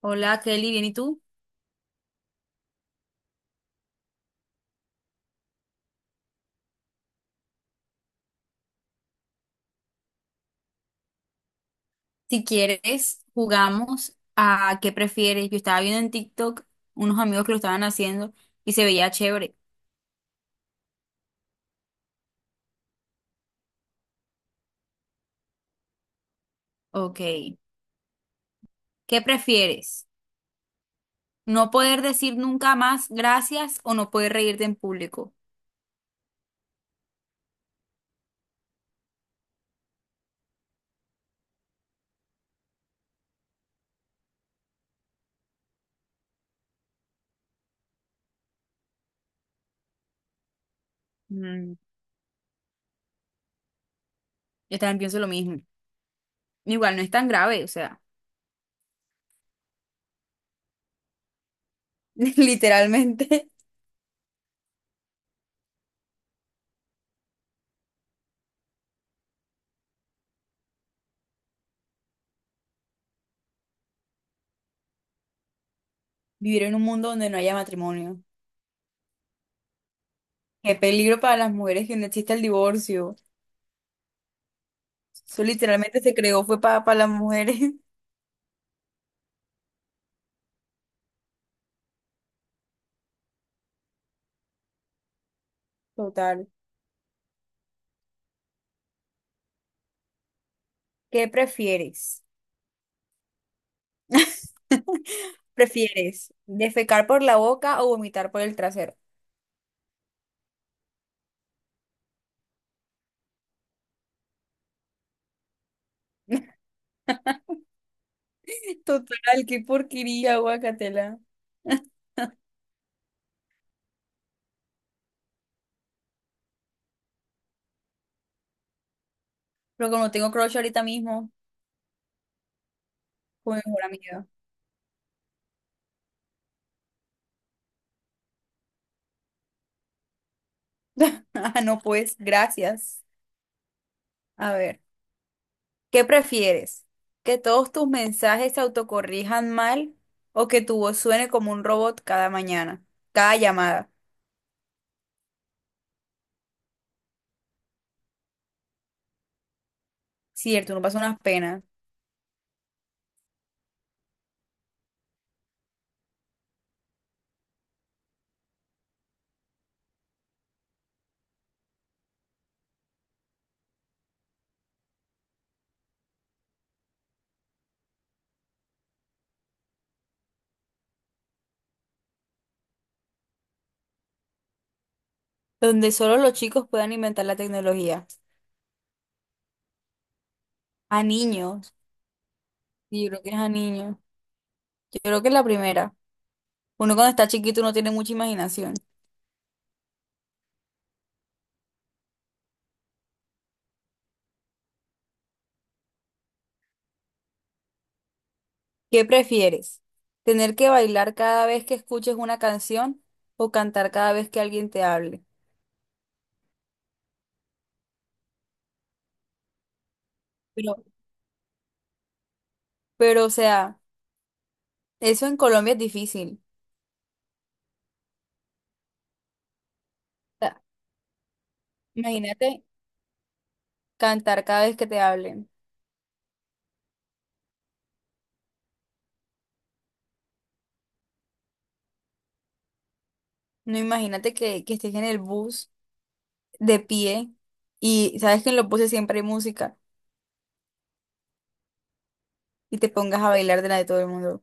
Hola Kelly, ¿bien y tú? Si quieres, jugamos a qué prefieres. Yo estaba viendo en TikTok unos amigos que lo estaban haciendo y se veía chévere. Ok, ¿qué prefieres? ¿No poder decir nunca más gracias o no poder reírte en público? Mm, yo también pienso lo mismo. Igual no es tan grave, o sea, literalmente vivir en un mundo donde no haya matrimonio. Qué peligro para las mujeres que no exista el divorcio. Eso literalmente se creó fue para las mujeres. Total. ¿Qué prefieres? ¿Prefieres defecar por la boca o vomitar por el trasero? Total, qué porquería, guacatela. Pero como tengo crush ahorita mismo, con mi mejor amiga. Ah, no, pues, gracias. A ver, ¿qué prefieres? ¿Que todos tus mensajes se autocorrijan mal o que tu voz suene como un robot cada mañana, cada llamada? Cierto, uno pasa unas penas. Donde solo los chicos puedan inventar la tecnología. A niños. Sí, yo creo que es a niños. Yo creo que es la primera. Uno cuando está chiquito no tiene mucha imaginación. ¿Qué prefieres? ¿Tener que bailar cada vez que escuches una canción o cantar cada vez que alguien te hable? Pero, pero, o sea, eso en Colombia es difícil. O sea, imagínate cantar cada vez que te hablen. No, imagínate que estés en el bus de pie y sabes que en los buses siempre hay música y te pongas a bailar de la de todo el mundo.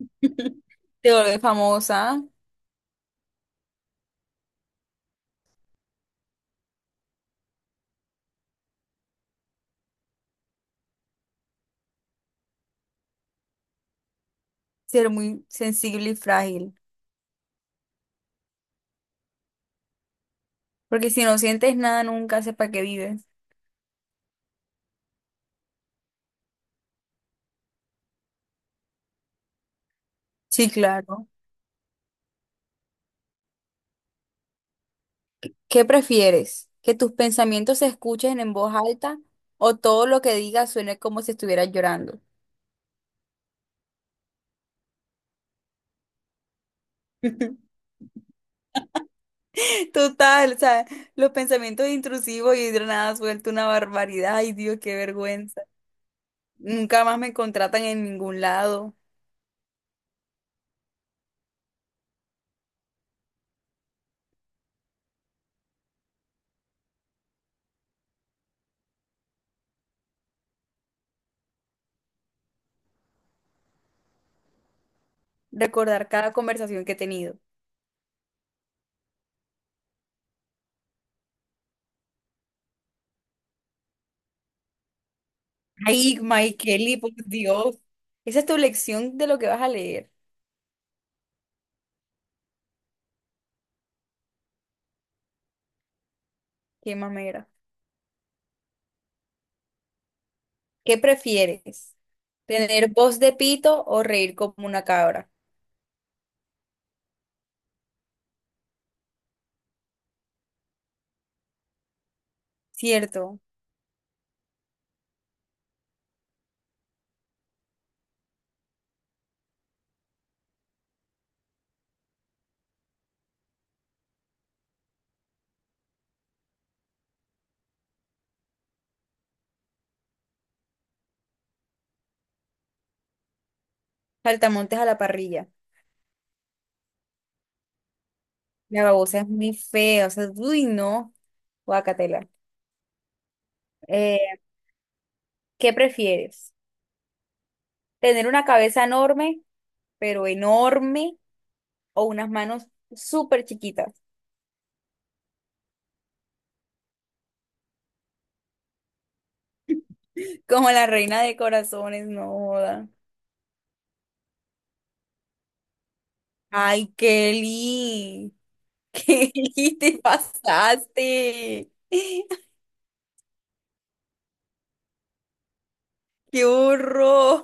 Te vuelves famosa, ser muy sensible y frágil. Porque si no sientes nada, nunca sé para qué vives. Sí, claro. ¿Qué prefieres? ¿Que tus pensamientos se escuchen en voz alta o todo lo que digas suene como si estuvieras llorando? Total, o sea, los pensamientos intrusivos y de nada suelto una barbaridad. Ay, Dios, qué vergüenza. Nunca más me contratan en ningún lado. Recordar cada conversación que he tenido. Ay, Mike Kelly, por Dios. Esa es tu lección de lo que vas a leer. Qué mamera. ¿Qué prefieres? ¿Tener voz de pito o reír como una cabra? Cierto, saltamontes a la parrilla. La babosa es muy fea, o sea, uy, no, guacatela. Eh, ¿Qué prefieres? ¿Tener una cabeza enorme, pero enorme, o unas manos súper chiquitas? Como la reina de corazones, no joda. Ay, Kelly, Kelly, te pasaste. ¡Qué horror!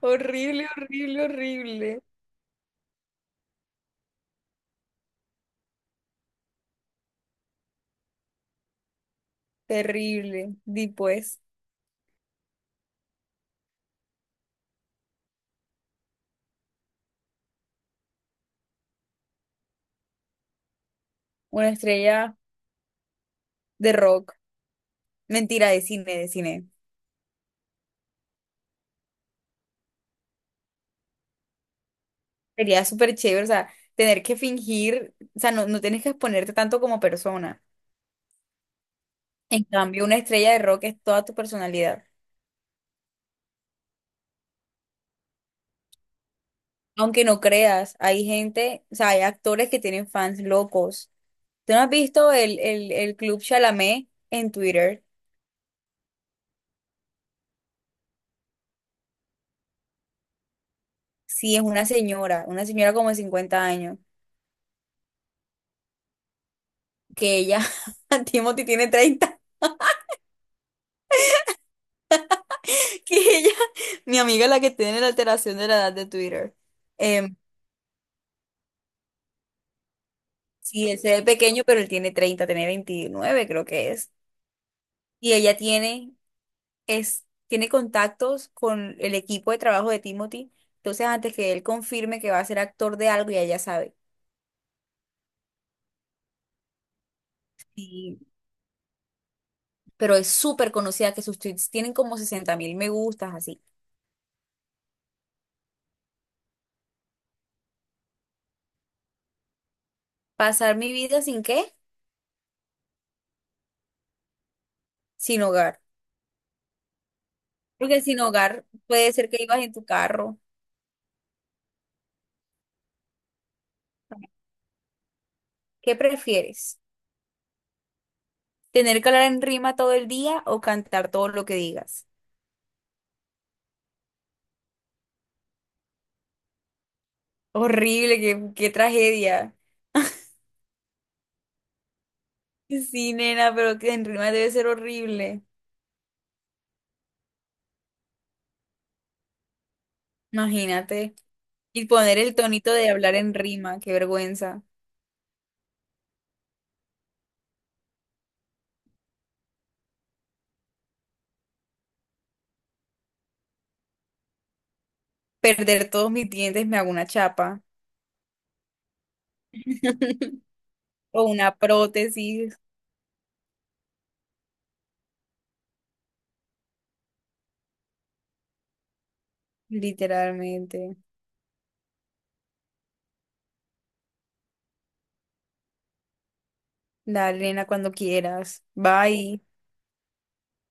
Horrible, horrible, horrible. Terrible. Di pues, una estrella de rock. Mentira, de cine, de cine. Sería súper chévere, o sea, tener que fingir, o sea, no, no tienes que exponerte tanto como persona. En cambio, una estrella de rock es toda tu personalidad. Aunque no creas, hay gente, o sea, hay actores que tienen fans locos. ¿Tú no has visto el Club Chalamet en Twitter? Sí, es una señora como de 50 años, que ella, Timothy tiene 30 que ella, mi amiga la que tiene la alteración de la edad de Twitter. em, sí, él se ve pequeño, pero él tiene 30, tiene 29 creo que es. Y ella tiene, es, tiene contactos con el equipo de trabajo de Timothy. Entonces antes que él confirme que va a ser actor de algo, ya ella sabe. Y, pero es súper conocida que sus tweets tienen como 60.000 me gustas, así. ¿Pasar mi vida sin qué? Sin hogar. Porque sin hogar puede ser que ibas en tu carro. ¿Qué prefieres? Tener que hablar en rima todo el día o cantar todo lo que digas. Horrible, qué, qué tragedia. Sí, nena, pero que en rima debe ser horrible. Imagínate. Y poner el tonito de hablar en rima, qué vergüenza. Perder todos mis dientes, me hago una chapa. O una prótesis, literalmente. Dale, nena, cuando quieras. Bye.